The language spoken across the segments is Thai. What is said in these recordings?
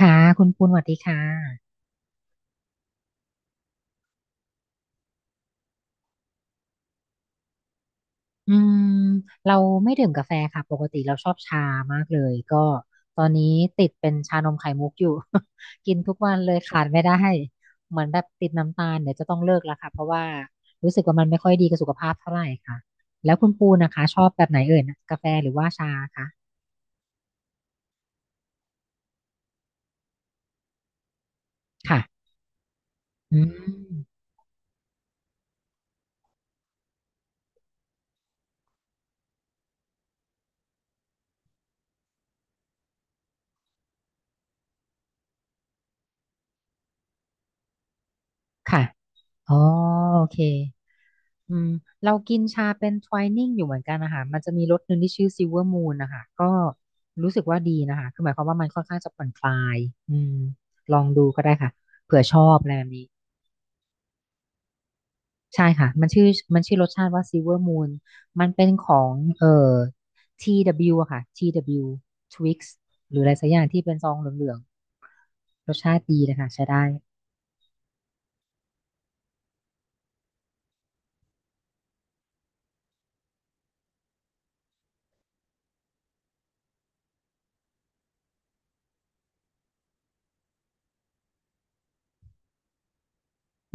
ค่ะคุณปูนสวัสดีค่ะอืมเราไม่ดื่มกาแฟค่ะปกติเราชอบชามากเลยก็ตอนนี้ติดเป็นชานมไข่มุกอยู่ กินทุกวันเลยขาดไม่ได้เหมือนแบบติดน้ำตาลเดี๋ยวจะต้องเลิกแล้วค่ะเพราะว่ารู้สึกว่ามันไม่ค่อยดีกับสุขภาพเท่าไหร่ค่ะแล้วคุณปูนนะคะชอบแบบไหนเอ่ยนะกาแฟหรือว่าชาคะค่ะอืมค่ะอ๋อโอเค อืมเรากินชาเป็นท w ายนิ่งอยู่เหมือนกันนะคะมันจะมีรสหนึ่งที่ชื่อซิลเวอร์มูนนะคะก็รู้สึกว่าดีนะคะคือหมายความว่ามันค่อนข้างจะผ่อนคลายอืมลองดูก็ได้ค่ะเผื่อชอบอะไรแบบนี้ใช่ค่ะมันชื่อรสชาติว่าซิลเวอร์มูนมันเป็นของTW อะค่ะ TW Twix หรืออะไรสักอย่างที่เป็นซองเหลืองๆรสชาติดีนะคะใช้ได้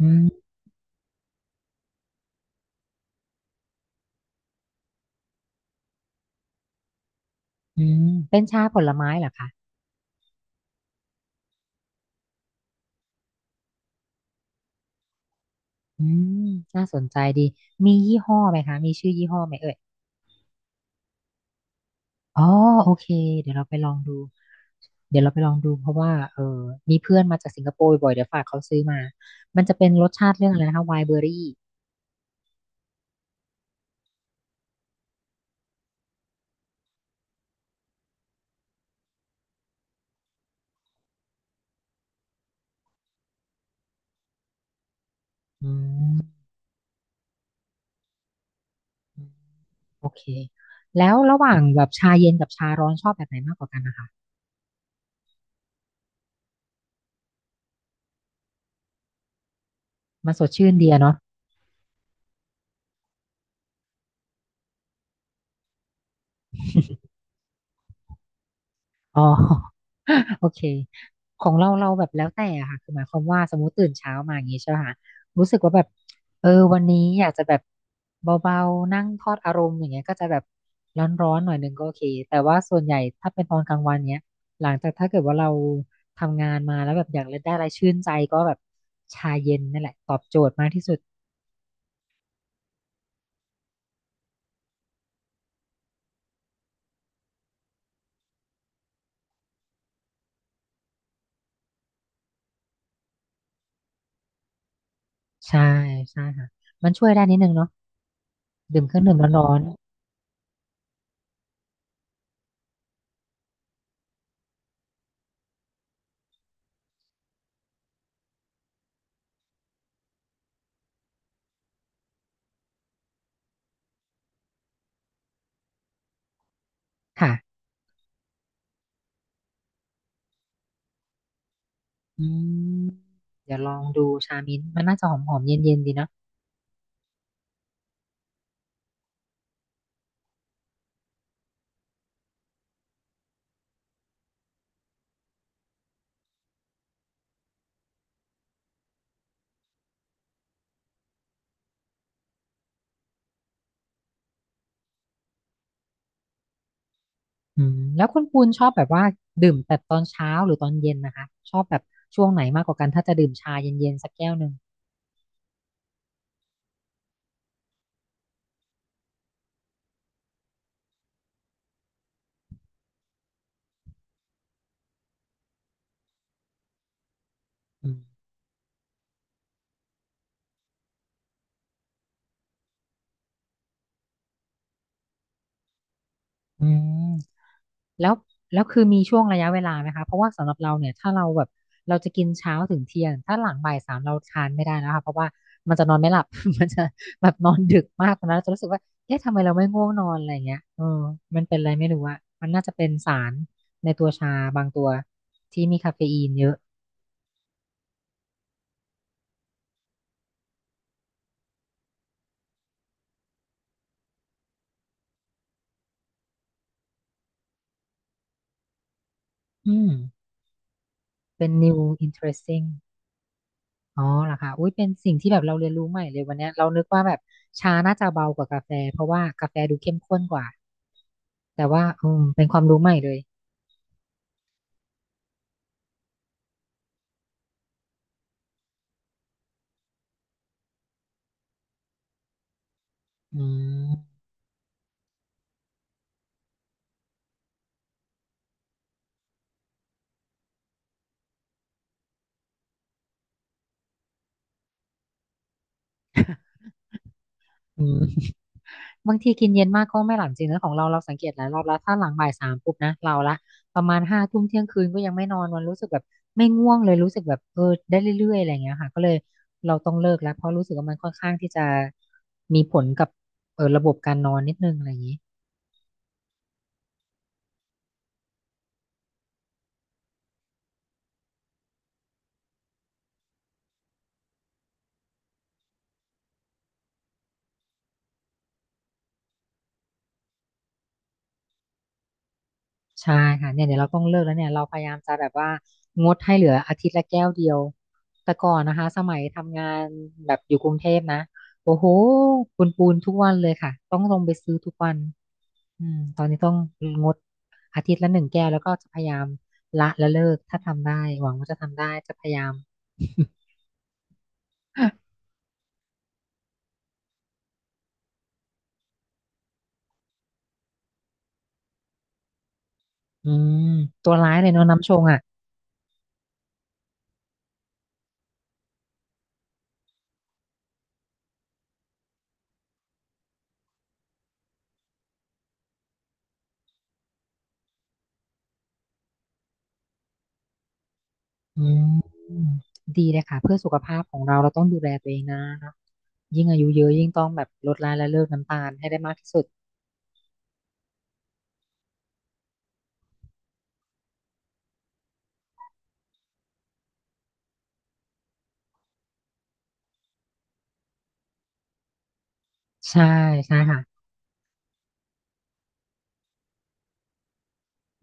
อืมอืมเป็นชาผลไม้เหรอคะ อืมน่าสนใจดีมียี่ห้อไหมคะมีชื่อยี่ห้อไหมเอ่ยอ๋อโอเคเดี๋ยวเราไปลองดูเดี๋ยวเราไปลองดูเพราะว่าเออมีเพื่อนมาจากสิงคโปร์บ่อยเดี๋ยวฝากเขาซื้อมามันจะเป็นรสชาติเรื่องอะไรนะคะไวน์เบอรี่อืมโอเคแล้วระหว่างแบบชาเย็นกับชาร้อนชอบแบบไหนมากกว่ากันนะคะมันสดชื่นดีอะเนาะ อ๋อ โอเคของเราเราแบบแล้วแต่อะค่ะคือหมายความว่าสมมติตื่นเช้ามาอย่างงี้ใช่ไหมคะรู้สึกว่าแบบเออวันนี้อยากจะแบบเบาๆนั่งทอดอารมณ์อย่างเงี้ยก็จะแบบร้อนๆหน่อยนึงก็โอเคแต่ว่าส่วนใหญ่ถ้าเป็นตอนกลางวันเนี้ยหลังจากถ้าเกิดว่าเราทำงานมาแล้วแบบอยากได้อะไรชื่นใจก็แบบชาเย็นนั่นแหละตอบโจทย์มากที่สุดใช่ใช่ค่ะมันช่วยได้นิดนึงเนาะดื่มเครื่องดื่มร้อนๆค่ะ อืมเดี๋ยวลองดูชามิ้นท์มันน่าจะหอมหอมเย็นเย็นๆดีนะแล้วคุณปูนชอบแบบว่าดื่มแต่ตอนเช้าหรือตอนเย็นนะคะชอบแบบช่วงไหนมากกว่ากันถ้าจะดื่มชาเย็นเย็นสักแก้วหนึ่งอืมอืม แล้วแล้วคือมีช่วงระยะเวลาไหมคะเพราะว่าสำหรับเราเนี่ยถ้าเราแบบเราจะกินเช้าถึงเที่ยงถ้าหลังบ่ายสามเราทานไม่ได้แล้วค่ะเพราะว่ามันจะนอนไม่หลับ มันจะแบบนอนดึกมากตอนนั้นเราจะรู้สึกว่าเอ๊ะทำไมเราไม่ง่วงนอนอะไรอย่างเงี้ยเออมันเป็นอะไรไม่รู้อะมันน่าจะเป็นสารในตัวชาบางตัวที่มีคาเฟอีนเยอะอืมเป็น new interesting อ๋อเหรอคะอุ้ยเป็นสิ่งที่แบบเราเรียนรู้ใหม่เลยวันเนี้ยเรานึกว่าแบบชาน่าจะเบากว่ากาแฟเพราะว่ากาแฟดูเข้มข้นกว่าแต่ว่าเป็นความรู้ใหม่เลย อืมอืมบางทีกินเย็นมากก็ไม่หลับจริงนะของเราเราสังเกตหลายรอบแล้วถ้าหลังบ่ายสามปุ๊บนะเราละประมาณห้าทุ่มเที่ยงคืนก็ยังไม่นอนมันรู้สึกแบบไม่ง่วงเลยรู้สึกแบบเออได้เรื่อยๆอะไรอย่างเงี้ยค่ะก็เลยเราต้องเลิกแล้วเพราะรู้สึกว่ามันค่อนข้างที่จะมีผลกับเออระบบการนอนนิดนึงอะไรอย่างนี้ ใช่ค่ะเนี่ยเดี๋ยวเราต้องเลิกแล้วเนี่ยเราพยายามจะแบบว่างดให้เหลืออาทิตย์ละแก้วเดียวแต่ก่อนนะคะสมัยทำงานแบบอยู่กรุงเทพนะโอ้โหปูนปูนทุกวันเลยค่ะต้องลงไปซื้อทุกวันตอนนี้ต้องงดอาทิตย์ละหนึ่งแก้วแล้วก็จะพยายามละและเลิกถ้าทำได้หวังว่าจะทำได้จะพยายาม อืมตัวร้ายเลยเนาะน้ำชงอ่ะอืมดีเลยค่ะเพื่อสุขภาพของเราเราต้องดูแลตัวเองนะ ยิ่งอายุเยอะยิ่งต้องแบบลดละและเลิกน้ำตาลให้ได้มากที่สุดใช่ใช่ค่ะ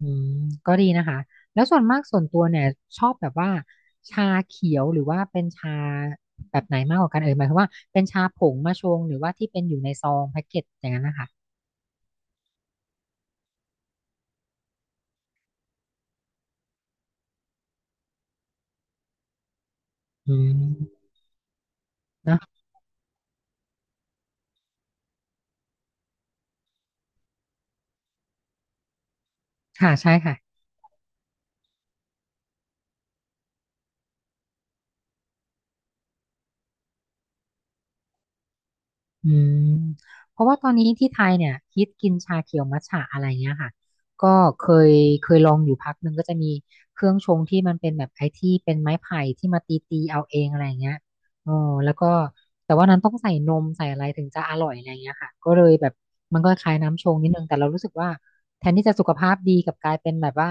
อืมก็ดีนะคะแล้วส่วนมากส่วนตัวเนี่ยชอบแบบว่าชาเขียวหรือว่าเป็นชาแบบไหนมากกว่ากันเอ่ยหมายความว่าเป็นชาผงมาชงหรือว่าที่เป็นอยู่ในซองแพ็กเกจอย่างนั้นนะคะอืมเนาะค่ะใช่ค่ะ อืมเพราะว่าตอนนี้ที่ไทยเนี่ยฮิตกินชาเขียวมัทฉะอะไรเงี้ยค่ะก็เคยลองอยู่พักหนึ่งก็จะมีเครื่องชงที่มันเป็นแบบไอ้ที่เป็นไม้ไผ่ที่มาตีเอาเองอะไรเงี้ยอ๋อแล้วก็แต่ว่านั้นต้องใส่นมใส่อะไรถึงจะอร่อยอะไรเงี้ยค่ะก็เลยแบบมันก็คล้ายน้ำชงนิดนึงแต่เรารู้สึกว่าแทนที่จะสุขภาพดีกลับกลายเป็นแบบว่า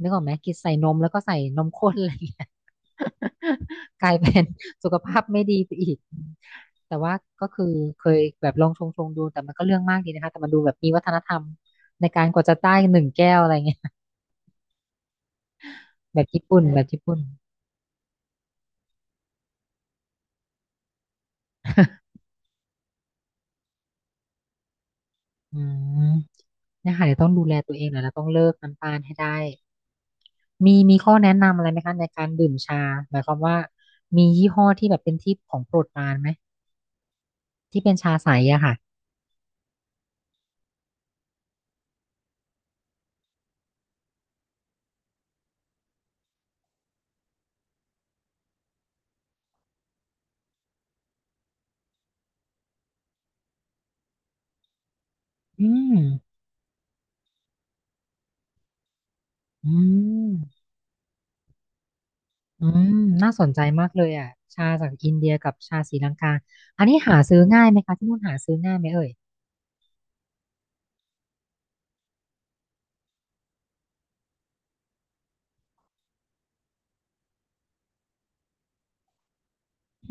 นึกออกไหมกินใส่นมแล้วก็ใส่นมข้นอะไรเงี้ย กลายเป็นสุขภาพไม่ดีไปอีก แต่ว่าก็คือเคยแบบลองชงดูแต่มันก็เรื่องมากดีนะคะแต่มันดูแบบมีวัฒนธรรมในการกว่าจะได้หนึ่งแก้วอะไรเงี้ย แบบญี่ปุ่นแบมบญี่ปุ่นอืมเนยคะเดี๋ยวต้องดูแลตัวเองหน่อยแล้วต้องเลิกน้ำตาลให้ได้มีข้อแนะนำอะไรไหมคะในการดื่มชาหมายความว่ามียี่ห้อที่แบบเป็นที่ของโปรดปรานไหมที่เป็นชาใสอะค่ะอืมอืมอืมน่าสนใจมากเลยอะชาจากอินเดียกับชาศรีลังกาอันนี้หาซื้อง่ายไหมคะที่นู่นหาซื้อง่ายไหมเอ่ย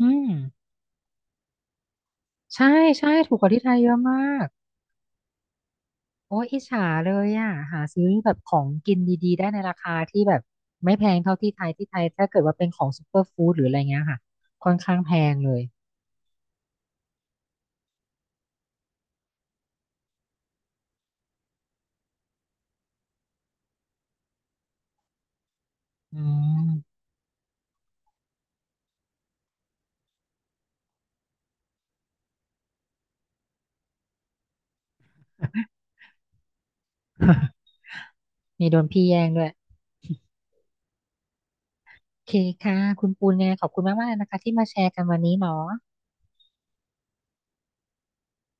อืม ใช่ใช่ถูกกว่าที่ไทยเยอะมากโอ้ยอิจฉาเลยอ่ะหาซื้อแบบของกินดีๆได้ในราคาที่แบบไม่แพงเท่าที่ไทยที่ไทยถ้าเกิดว่าเป็นของซูเปอร์ฟู้ดหรืออะไรเงี้ยค่ะค่อนข้างแพงเลยอืม มีโดนพี่แย่งด้วยโอเคค่ะคุณปูนยังไงขอบคุณมากๆเลยนะคะที่มาแชร์กันวันนี้เนาะ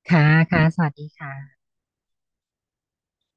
ค่ะค่ะสวัสดีค่ะ